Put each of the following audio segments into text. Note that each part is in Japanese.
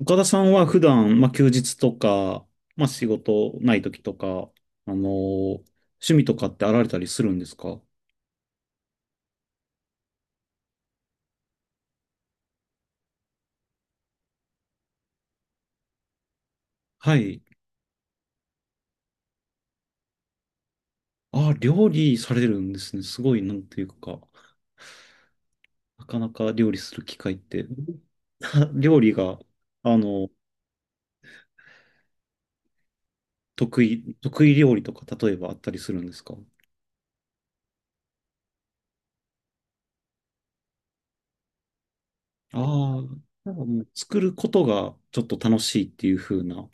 岡田さんは普段、まあ、休日とか、まあ、仕事ない時とか、あのー趣味とかってあられたりするんですか？はい。あ、料理されるんですね。すごい、なんていうか、なかなか料理する機会って。料理が、あの、得意料理とか、例えばあったりするんですか？ああー、なんかもう作ることがちょっと楽しいっていう風な。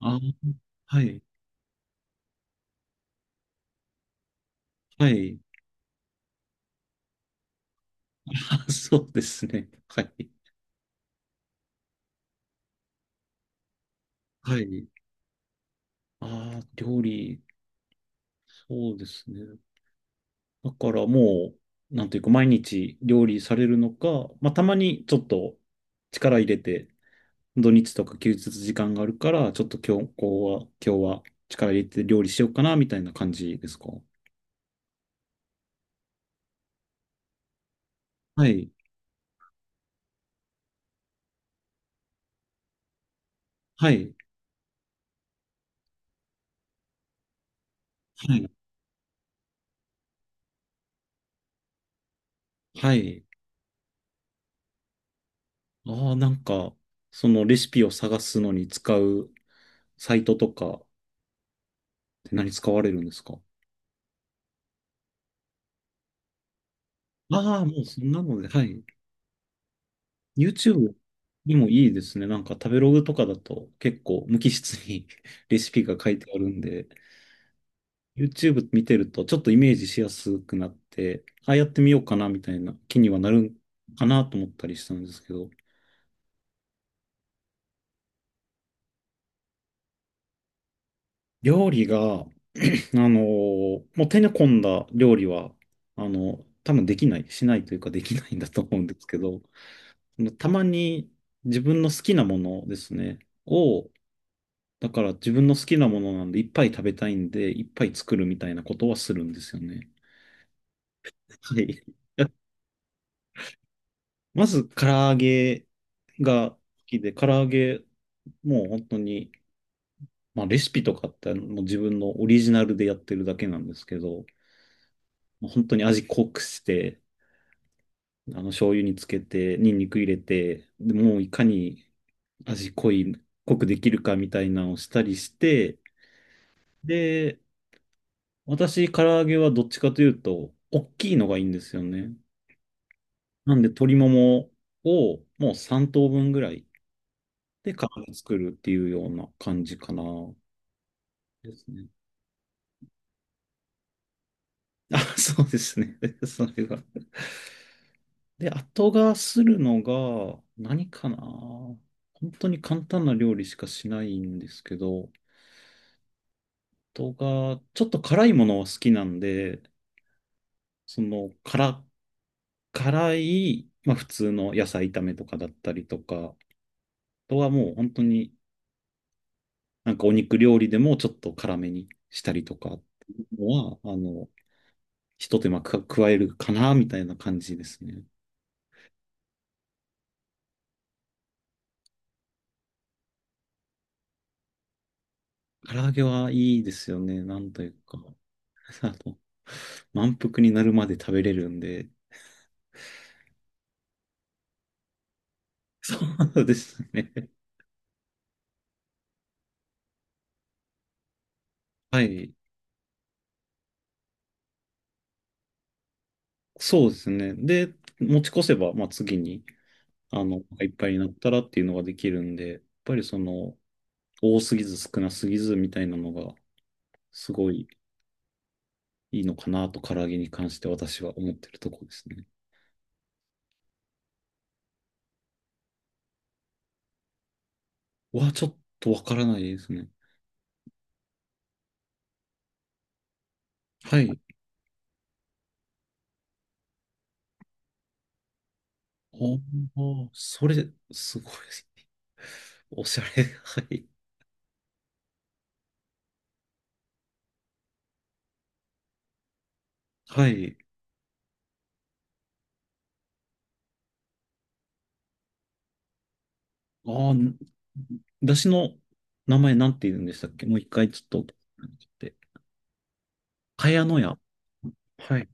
ああ、はい、はい。あ、そうですね。はい。はい。ああ、料理、そうですね。だからもう、なんというか、毎日料理されるのか、まあ、たまにちょっと力入れて、土日とか休日時間があるから、ちょっと今日、こうは、今日は力入れて料理しようかな、みたいな感じですか？はい、はい、はい、はい。ああ、なんか、そのレシピを探すのに使うサイトとかって何使われるんですか？ああもうそんなので、はい。YouTube にもいいですね。なんか食べログとかだと結構無機質に レシピが書いてあるんで、YouTube 見てるとちょっとイメージしやすくなって、ああやってみようかなみたいな気にはなるかなと思ったりしたんですけど、料理が、あのもう手の込んだ料理は、多分できない、しないというかできないんだと思うんですけど、たまに自分の好きなものですね、をだから自分の好きなものなんでいっぱい食べたいんで、いっぱい作るみたいなことはするんですよね。はい。まず唐揚げが好きで、唐揚げもう本当に、まあ、レシピとかってもう自分のオリジナルでやってるだけなんですけど、もう本当に味濃くして、醤油につけて、ニンニク入れて、でもういかに味濃い、濃くできるかみたいなのをしたりして、で、私、唐揚げはどっちかというと、大きいのがいいんですよね。なんで鶏ももをもう3等分ぐらいで皮を作るっていうような感じかな。ですね。あ、そうですね。それが。で、後がするのが何かな。本当に簡単な料理しかしないんですけど、後がちょっと辛いものは好きなんで、その辛、辛い、まあ普通の野菜炒めとかだったりとか、あとはもう本当になんかお肉料理でもちょっと辛めにしたりとかっていうのは、ひと手間か加えるかな、みたいな感じですね。唐揚げはいいですよね。なんというか。あの、満腹になるまで食べれるんで。そうですね。はい。そうですね。で、持ち越せば、まあ、次に、いっぱいになったらっていうのができるんで、やっぱり多すぎず少なすぎずみたいなのが、すごいいいのかなと、唐揚げに関して私は思ってるところですね。はちょっとわからないですね。はい。おー、それ、すごい。おしゃれ。はい。はい。ああ、だしの名前なんて言うんでしたっけ？もう一回ちょっと。茅野屋。はい。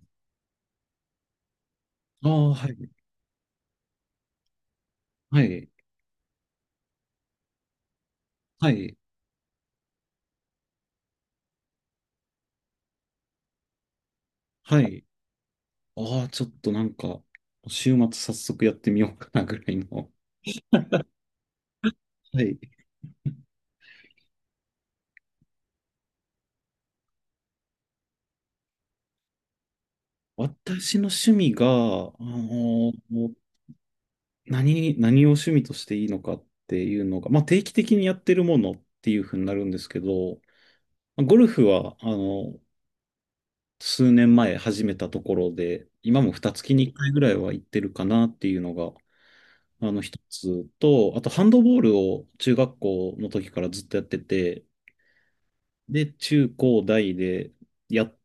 ああ、はい。はい。はい。はい。ああ、ちょっとなんか、週末早速やってみようかなぐらいの。はい。私の趣味が、の何を趣味としていいのかっていうのが、まあ、定期的にやってるものっていうふうになるんですけど、まあゴルフは、数年前始めたところで、今も2月に1回ぐらいは行ってるかなっていうのが、あの一つと、あとハンドボールを中学校の時からずっとやってて、で、中高大でやっ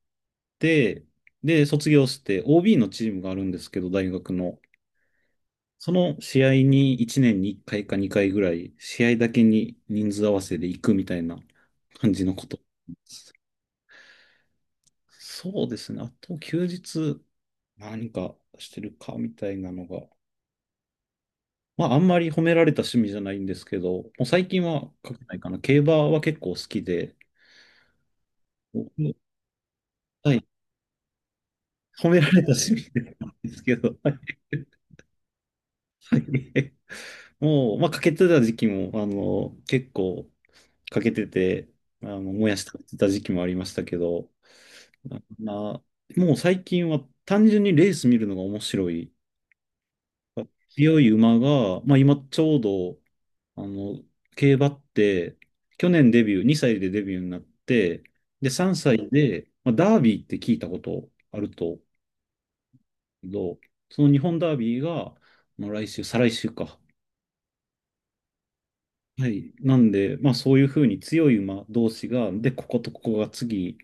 て、で、卒業して OB のチームがあるんですけど、大学の。その試合に1年に1回か2回ぐらい、試合だけに人数合わせで行くみたいな感じのこと。そうですね。あと休日何かしてるかみたいなのが。まああんまり褒められた趣味じゃないんですけど、もう最近は書けないかな。競馬は結構好きで、僕はい、褒められた趣味ではないんですけど、はい。はいもう、まあ、かけてた時期も、結構、かけてて、もやし食べてた時期もありましたけど、あまあ、もう最近は単純にレース見るのが面白い。強い馬が、まあ今ちょうど、あの、競馬って、去年デビュー、2歳でデビューになって、で、3歳で、まあ、ダービーって聞いたことあると思うけど、その日本ダービーが、まあ、来週、再来週か。はい。なんで、まあそういうふうに強い馬同士が、で、こことここが次、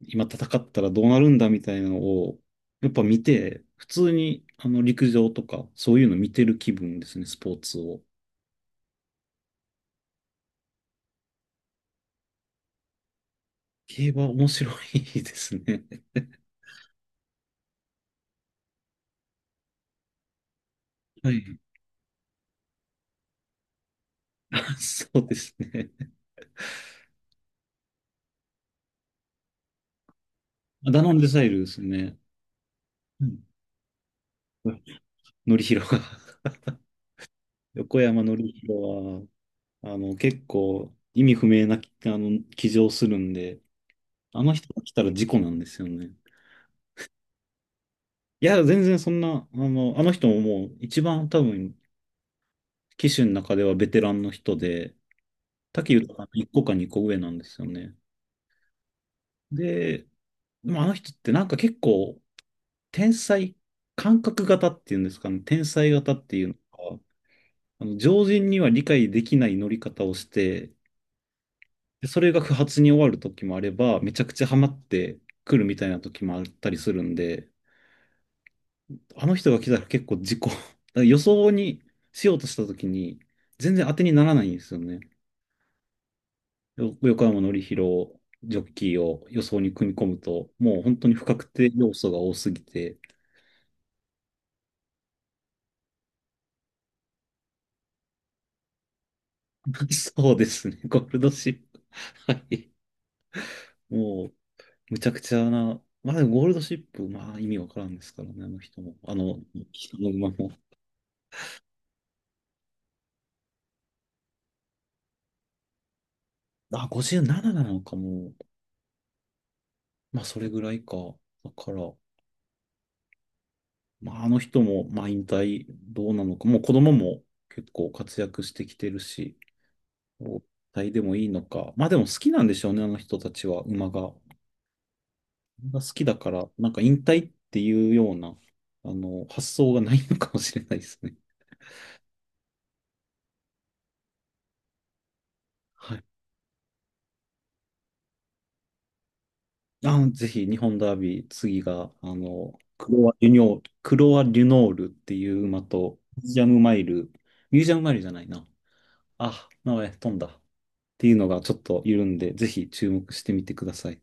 今戦ったらどうなるんだみたいなのを、やっぱ見て、普通にあの陸上とか、そういうの見てる気分ですね、スポーツを。競馬面白いですね。はい。あそうですね。ダノンデサイルですね。うん。のりひろが 横山のりひろは、結構意味不明な、騎乗するんで、あの人が来たら事故なんですよね。いや、全然そんな、あの人ももう一番多分騎手の中ではベテランの人で、武豊の1個か2個上なんですよね。で、でもあの人ってなんか結構天才、感覚型っていうんですかね、天才型っていうのか、あの常人には理解できない乗り方をして、でそれが不発に終わる時もあれば、めちゃくちゃハマってくるみたいな時もあったりするんで、あの人が来たら結構事故、予想にしようとした時に全然当てにならないんですよね。横山典弘ジョッキーを予想に組み込むと、もう本当に不確定要素が多すぎて、そうですね、ゴールドシップ。はい。もう、むちゃくちゃな、まあでもゴールドシップ、まあ意味わからんですからね、あの人も。人の馬も。あ、57なななのかも。まあそれぐらいか。だから、まああの人も、まあ引退どうなのか。もう子供も結構活躍してきてるし、引退でもいいのか。まあでも好きなんでしょうね、あの人たちは、馬が。が好きだから、なんか引退っていうような、発想がないのかもしれないですね。はい。あ、ぜひ、日本ダービー、次が、クロア・リュノール、クロア・リュノールっていう馬と、ミュージアムマイル、ミュージアムマイルじゃないな。あ、名前飛んだ。っていうのがちょっといるんで、ぜひ注目してみてください。